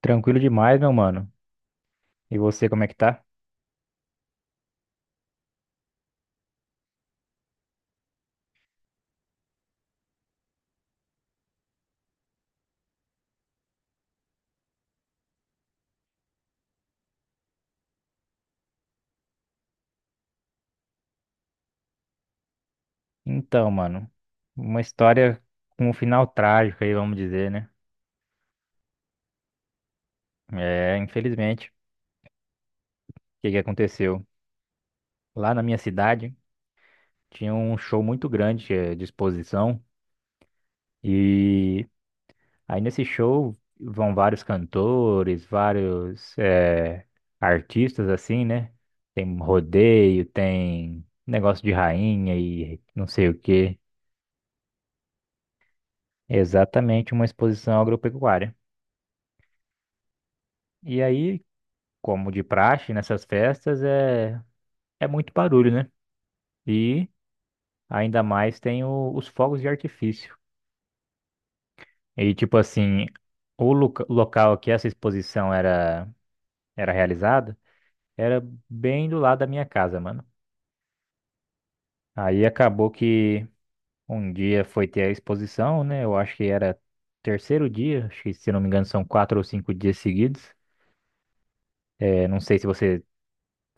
Tranquilo demais, meu mano. E você, como é que tá? Então, mano, uma história com um final trágico aí, vamos dizer, né? É, infelizmente, o que que aconteceu? Lá na minha cidade tinha um show muito grande de exposição e aí nesse show vão vários cantores, vários artistas assim, né? Tem rodeio, tem negócio de rainha e não sei o quê. Exatamente uma exposição agropecuária. E aí como de praxe nessas festas, é muito barulho, né? E ainda mais tem os fogos de artifício. E tipo assim, o local que essa exposição era realizada era bem do lado da minha casa, mano. Aí acabou que um dia foi ter a exposição, né? Eu acho que era terceiro dia, acho que se não me engano são 4 ou 5 dias seguidos. É, não sei se você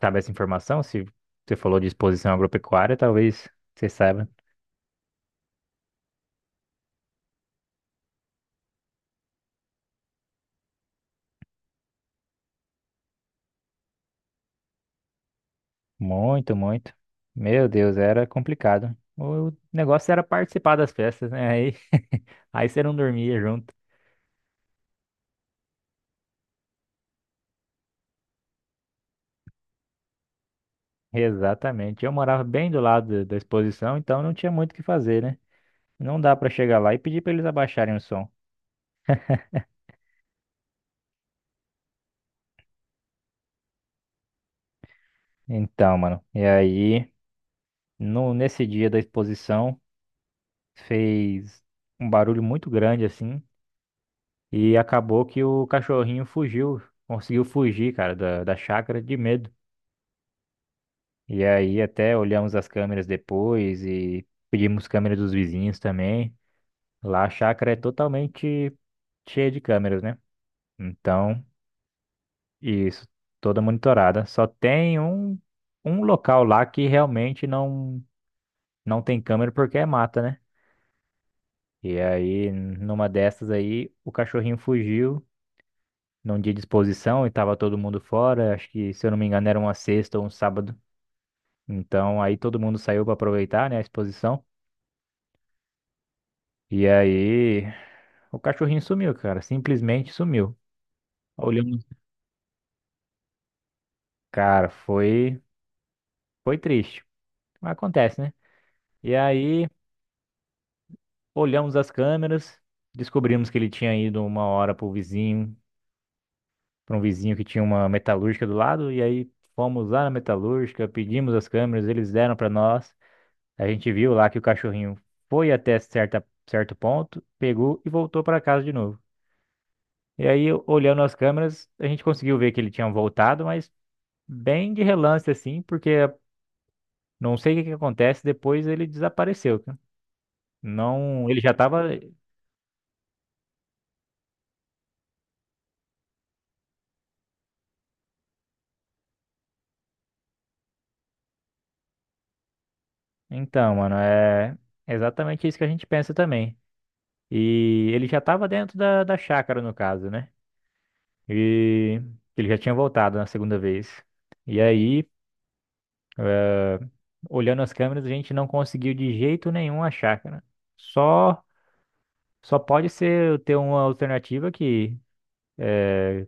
sabe essa informação, se você falou de exposição agropecuária, talvez você saiba. Muito, muito. Meu Deus, era complicado. O negócio era participar das festas, né? Aí, aí você não dormia junto. Exatamente. Eu morava bem do lado da exposição, então não tinha muito o que fazer, né? Não dá pra chegar lá e pedir pra eles abaixarem o som. Então, mano, e aí, no, nesse dia da exposição, fez um barulho muito grande assim, e acabou que o cachorrinho fugiu, conseguiu fugir, cara, da chácara de medo. E aí até olhamos as câmeras depois e pedimos câmeras dos vizinhos também. Lá a chácara é totalmente cheia de câmeras, né? Então, isso, toda monitorada. Só tem um local lá que realmente não tem câmera porque é mata, né? E aí, numa dessas aí, o cachorrinho fugiu num dia de exposição e tava todo mundo fora. Acho que, se eu não me engano, era uma sexta ou um sábado. Então, aí todo mundo saiu para aproveitar, né, a exposição. E aí. O cachorrinho sumiu, cara. Simplesmente sumiu. Olhamos. Cara, foi triste. Mas acontece, né? E aí, olhamos as câmeras, descobrimos que ele tinha ido uma hora pro vizinho, para um vizinho que tinha uma metalúrgica do lado. E aí, fomos lá na metalúrgica, pedimos as câmeras, eles deram para nós. A gente viu lá que o cachorrinho foi até certo ponto, pegou e voltou para casa de novo. E aí, olhando as câmeras, a gente conseguiu ver que ele tinha voltado, mas bem de relance assim, porque não sei o que que acontece, depois ele desapareceu, cara. Não, ele já tava. Então, mano, é exatamente isso que a gente pensa também. E ele já tava dentro da chácara, no caso, né? E ele já tinha voltado na segunda vez. E aí, olhando as câmeras, a gente não conseguiu de jeito nenhum a chácara. Só, só pode ser ter uma alternativa que é,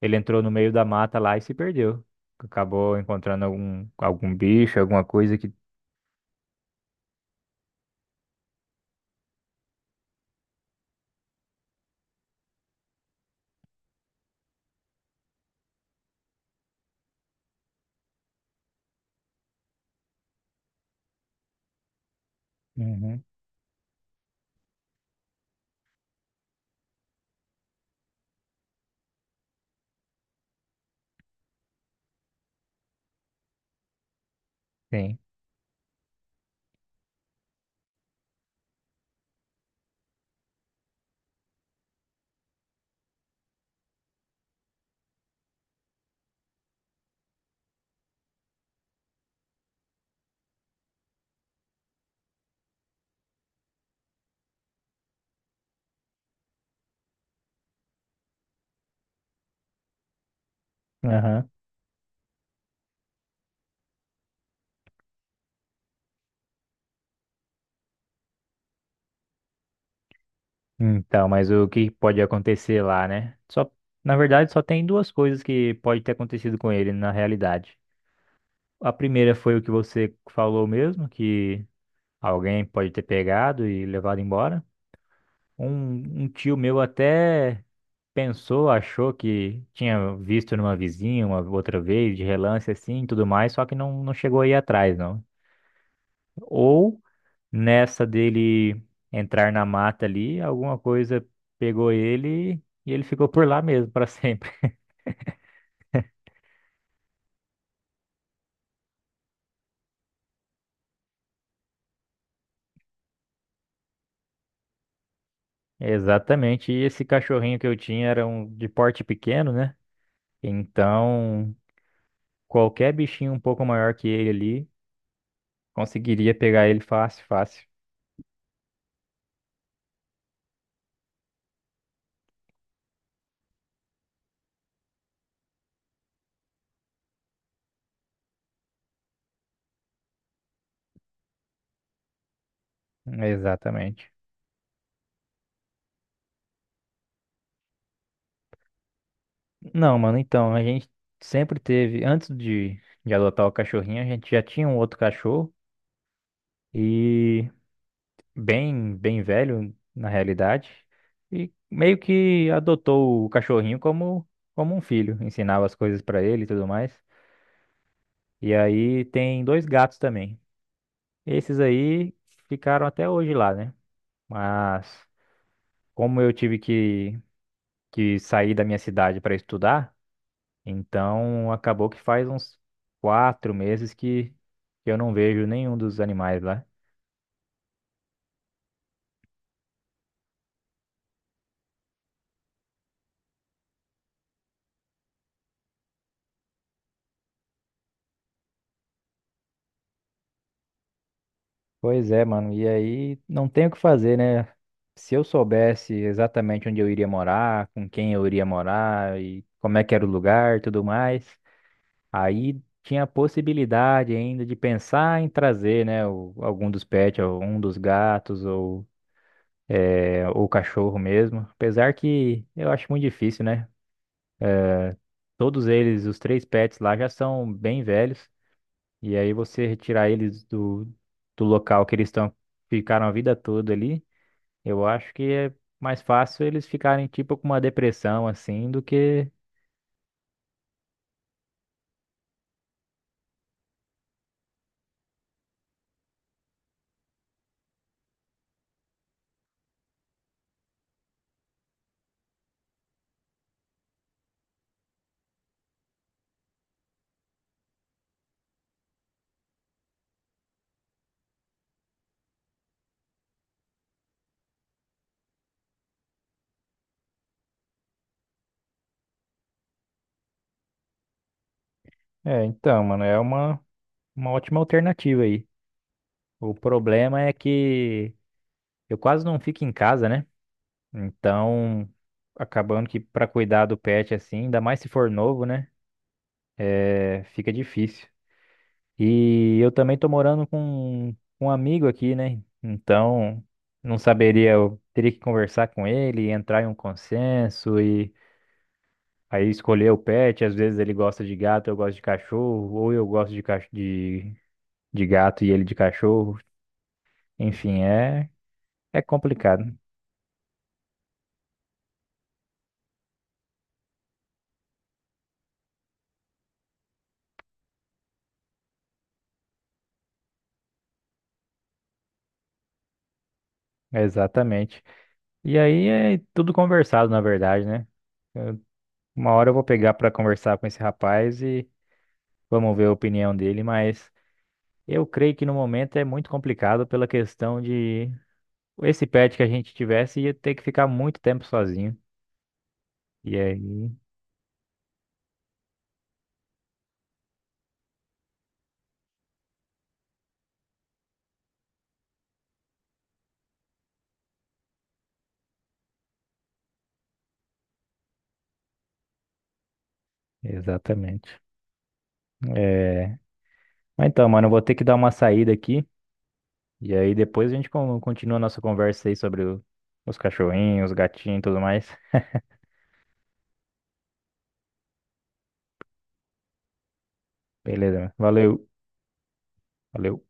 ele entrou no meio da mata lá e se perdeu. Acabou encontrando algum bicho, alguma coisa que. Uhum. Sim. Aham. Então, mas o que pode acontecer lá, né? Só, na verdade, só tem duas coisas que pode ter acontecido com ele na realidade. A primeira foi o que você falou mesmo, que alguém pode ter pegado e levado embora. Um tio meu até pensou, achou que tinha visto numa vizinha uma outra vez, de relance assim e tudo mais, só que não chegou aí atrás, não. Ou nessa dele entrar na mata ali, alguma coisa pegou ele e ele ficou por lá mesmo para sempre. Exatamente. E esse cachorrinho que eu tinha era um de porte pequeno, né? Então, qualquer bichinho um pouco maior que ele ali conseguiria pegar ele fácil, fácil. Exatamente. Não, mano, então, a gente sempre teve, antes de adotar o cachorrinho, a gente já tinha um outro cachorro. E bem, bem velho na realidade, e meio que adotou o cachorrinho como um filho, ensinava as coisas pra ele e tudo mais. E aí tem dois gatos também. Esses aí ficaram até hoje lá, né? Mas como eu tive que sair da minha cidade para estudar, então acabou que faz uns 4 meses que eu não vejo nenhum dos animais lá. Pois é, mano. E aí não tem o que fazer, né? Se eu soubesse exatamente onde eu iria morar, com quem eu iria morar e como é que era o lugar, e tudo mais, aí tinha a possibilidade ainda de pensar em trazer, né, algum dos pets, ou um dos gatos ou ou o cachorro mesmo. Apesar que eu acho muito difícil, né? Todos eles, os três pets lá já são bem velhos e aí você retirar eles do local que eles estão ficaram a vida toda ali. Eu acho que é mais fácil eles ficarem tipo com uma depressão assim do que. É, então, mano, é uma ótima alternativa aí. O problema é que eu quase não fico em casa, né? Então, acabando que pra cuidar do pet assim, ainda mais se for novo, né? É, fica difícil. E eu também tô morando com um amigo aqui, né? Então, não saberia, eu teria que conversar com ele, entrar em um consenso. Aí escolher o pet, às vezes ele gosta de gato, eu gosto de cachorro, ou eu gosto de gato e ele de cachorro. Enfim, é complicado. Exatamente. E aí é tudo conversado, na verdade, né? Uma hora eu vou pegar para conversar com esse rapaz e vamos ver a opinião dele, mas eu creio que no momento é muito complicado pela questão de esse pet que a gente tivesse ia ter que ficar muito tempo sozinho. E aí, exatamente. É... Mas então, mano, eu vou ter que dar uma saída aqui. E aí depois a gente continua a nossa conversa aí sobre os cachorrinhos, os gatinhos e tudo mais. Beleza, mano. Valeu. Valeu.